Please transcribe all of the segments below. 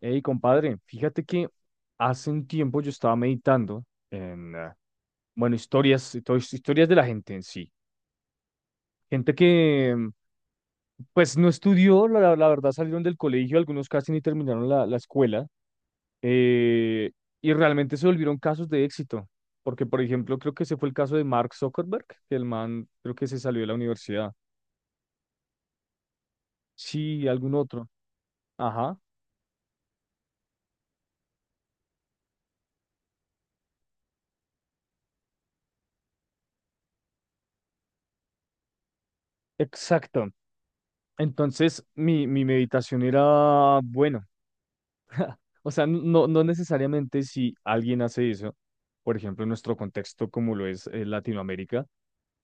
Hey, compadre, fíjate que hace un tiempo yo estaba meditando en, bueno, historias, y historias de la gente en sí. Gente que, pues, no estudió, la verdad salieron del colegio, algunos casi ni terminaron la escuela, eh, y realmente se volvieron casos de éxito. Porque, por ejemplo, creo que ese fue el caso de Mark Zuckerberg, que el man creo que se salió de la universidad. Sí, algún otro. Ajá, exacto. Entonces, mi meditación era, bueno. O sea, no, no necesariamente si alguien hace eso, por ejemplo, en nuestro contexto como lo es Latinoamérica,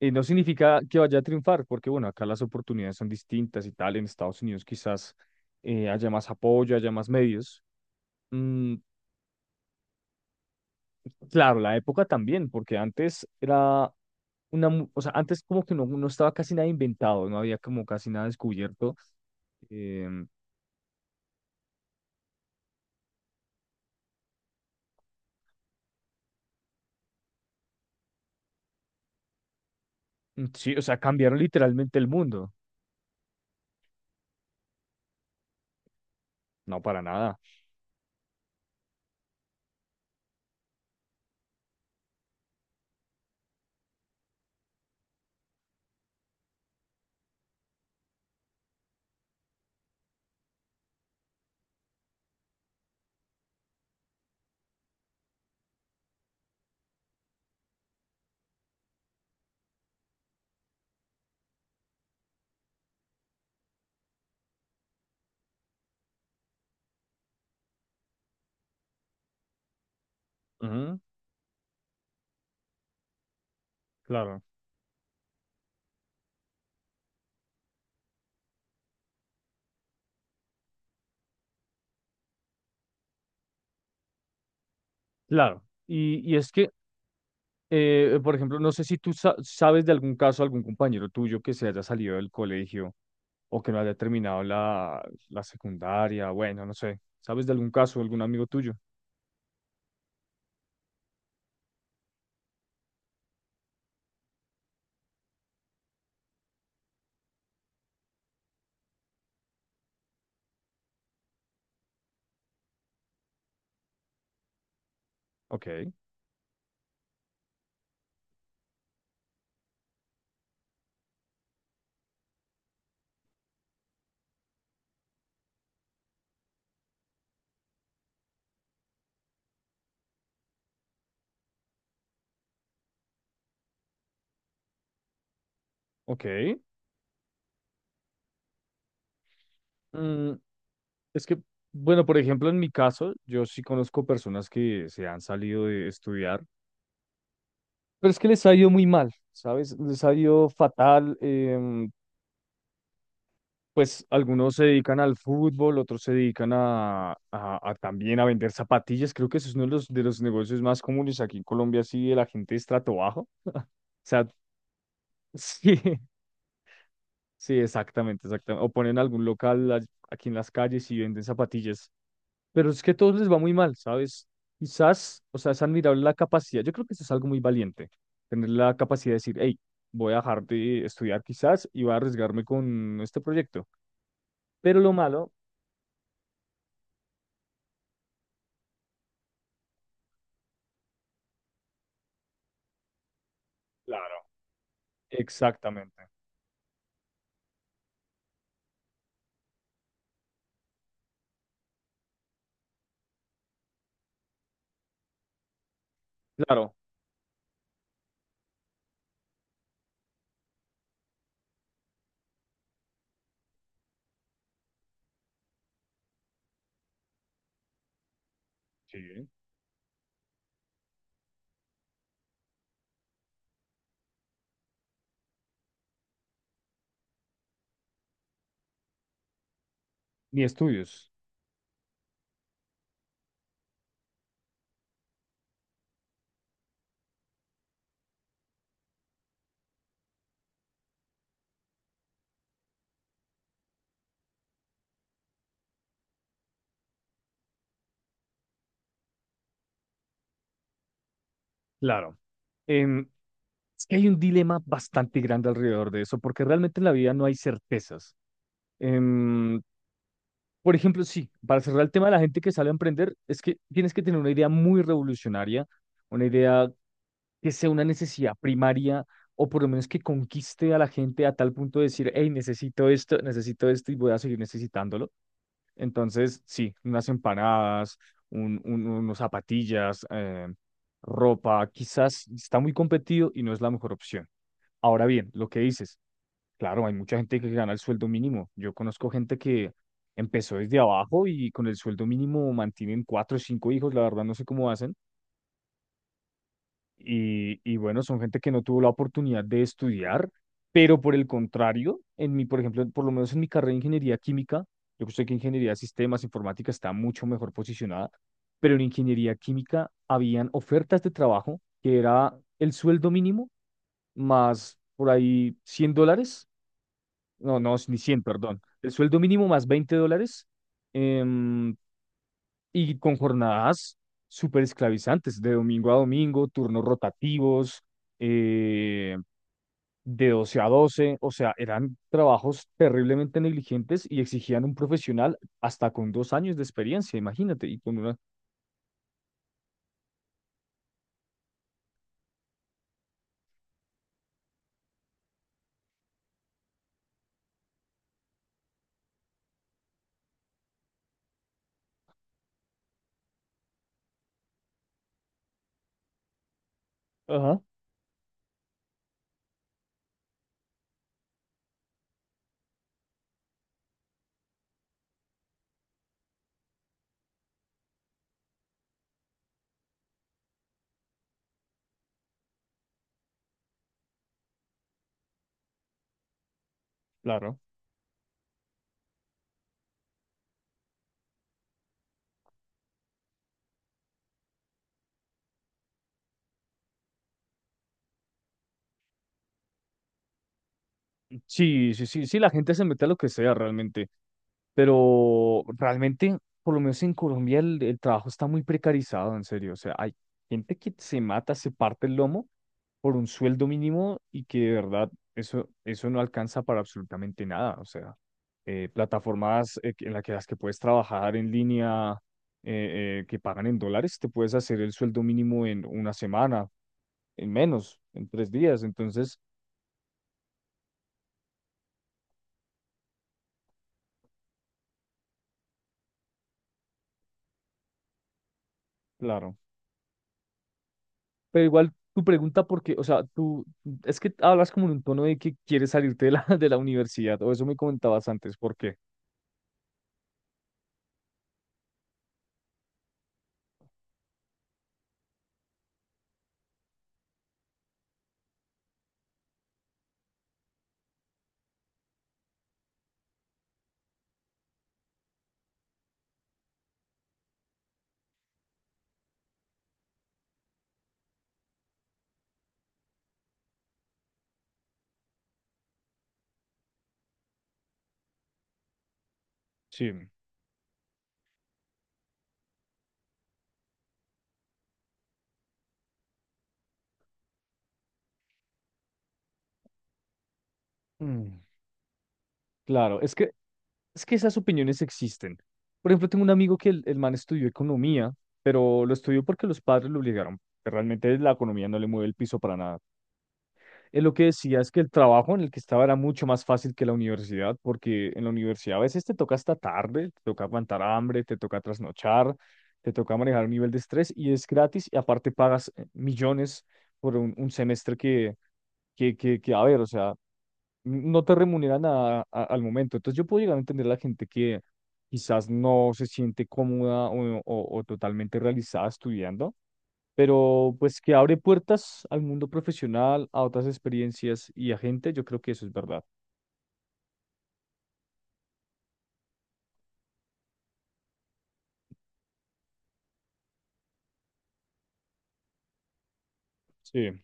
no significa que vaya a triunfar, porque bueno, acá las oportunidades son distintas y tal. En Estados Unidos quizás haya más apoyo, haya más medios. Mm, claro, la época también, porque antes era o sea, antes como que no, no estaba casi nada inventado, no había como casi nada descubierto. Em, sí, o sea, cambiaron literalmente el mundo. No, para nada. Ujú, claro. Claro, y es que, por ejemplo, no sé si tú sabes de algún caso, algún compañero tuyo que se haya salido del colegio o que no haya terminado la secundaria, bueno, no sé, ¿sabes de algún caso, algún amigo tuyo? Ok, ok. Mm, es que, bueno, por ejemplo, en mi caso, yo sí conozco personas que se han salido de estudiar, pero es que les ha ido muy mal, ¿sabes? Les ha ido fatal, pues algunos se dedican al fútbol, otros se dedican a, a también a vender zapatillas. Creo que eso es uno de los negocios más comunes aquí en Colombia, sí, de la gente de estrato bajo. O sea, sí, sí, exactamente, exactamente. O ponen algún local aquí en las calles y venden zapatillas. Pero es que a todos les va muy mal, ¿sabes? Quizás, o sea, es admirable la capacidad. Yo creo que eso es algo muy valiente, tener la capacidad de decir, hey, voy a dejar de estudiar quizás y voy a arriesgarme con este proyecto. Pero lo malo... Exactamente. Claro, sí. Ni estudios. Claro. Em, es que hay un dilema bastante grande alrededor de eso, porque realmente en la vida no hay certezas. Em, por ejemplo, sí, para cerrar el tema de la gente que sale a emprender, es que tienes que tener una idea muy revolucionaria, una idea que sea una necesidad primaria, o por lo menos que conquiste a la gente a tal punto de decir, hey, necesito esto y voy a seguir necesitándolo. Entonces, sí, unas empanadas, unos zapatillas, ropa, quizás está muy competido y no es la mejor opción. Ahora bien, lo que dices, claro, hay mucha gente que gana el sueldo mínimo. Yo conozco gente que empezó desde abajo y con el sueldo mínimo mantienen cuatro o cinco hijos, la verdad no sé cómo hacen y bueno, son gente que no tuvo la oportunidad de estudiar, pero por el contrario, por ejemplo, por lo menos en mi carrera de ingeniería química, yo sé que ingeniería de sistemas, informática está mucho mejor posicionada, pero en ingeniería química habían ofertas de trabajo que era el sueldo mínimo más por ahí $100, no, no, ni 100 perdón, el sueldo mínimo más $20 em, y con jornadas súper esclavizantes, de domingo a domingo, turnos rotativos, eh, de 12 a doce, o sea, eran trabajos terriblemente negligentes y exigían un profesional hasta con dos años de experiencia, imagínate, y con una... Ajá, claro. Sí, sí, sí, sí, la gente se mete a lo que sea realmente, pero realmente, por lo menos en Colombia, el trabajo está muy precarizado, en serio, o sea, hay gente que se mata, se parte el lomo por un sueldo mínimo y que de verdad eso, eso no alcanza para absolutamente nada. O sea, plataformas en las que puedes trabajar en línea que pagan en dólares, te puedes hacer el sueldo mínimo en una semana, en menos, en tres días. Entonces, claro. Pero igual tu pregunta, porque, o sea, tú es que hablas como en un tono de que quieres salirte de la, de la universidad, o eso me comentabas antes, ¿por qué? Sí. Mm, claro, es que es que esas opiniones existen. Por ejemplo, tengo un amigo que el man estudió economía, pero lo estudió porque los padres lo obligaron. Que Realmente la economía no le mueve el piso para nada. Él lo que decía es que el trabajo en el que estaba era mucho más fácil que la universidad, porque en la universidad a veces te toca hasta tarde, te toca aguantar hambre, te toca trasnochar, te toca manejar un nivel de estrés y es gratis y aparte pagas millones por un semestre que, a ver, o sea, no te remuneran al momento. Entonces yo puedo llegar a entender a la gente que quizás no se siente cómoda o, o totalmente realizada estudiando, pero pues que abre puertas al mundo profesional, a otras experiencias y a gente, yo creo que eso es verdad. Sí,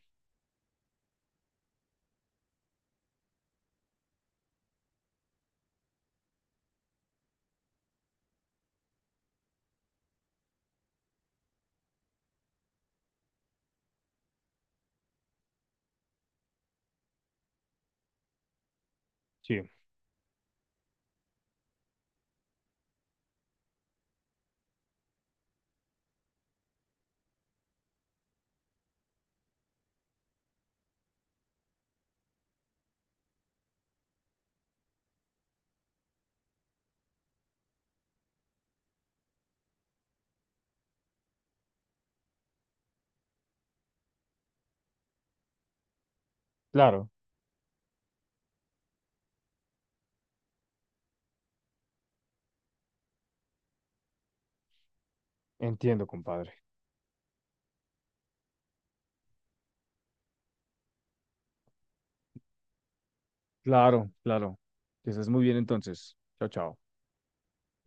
sí, claro, entiendo, compadre. Claro, claro. Que estés muy bien entonces. Chao, chao.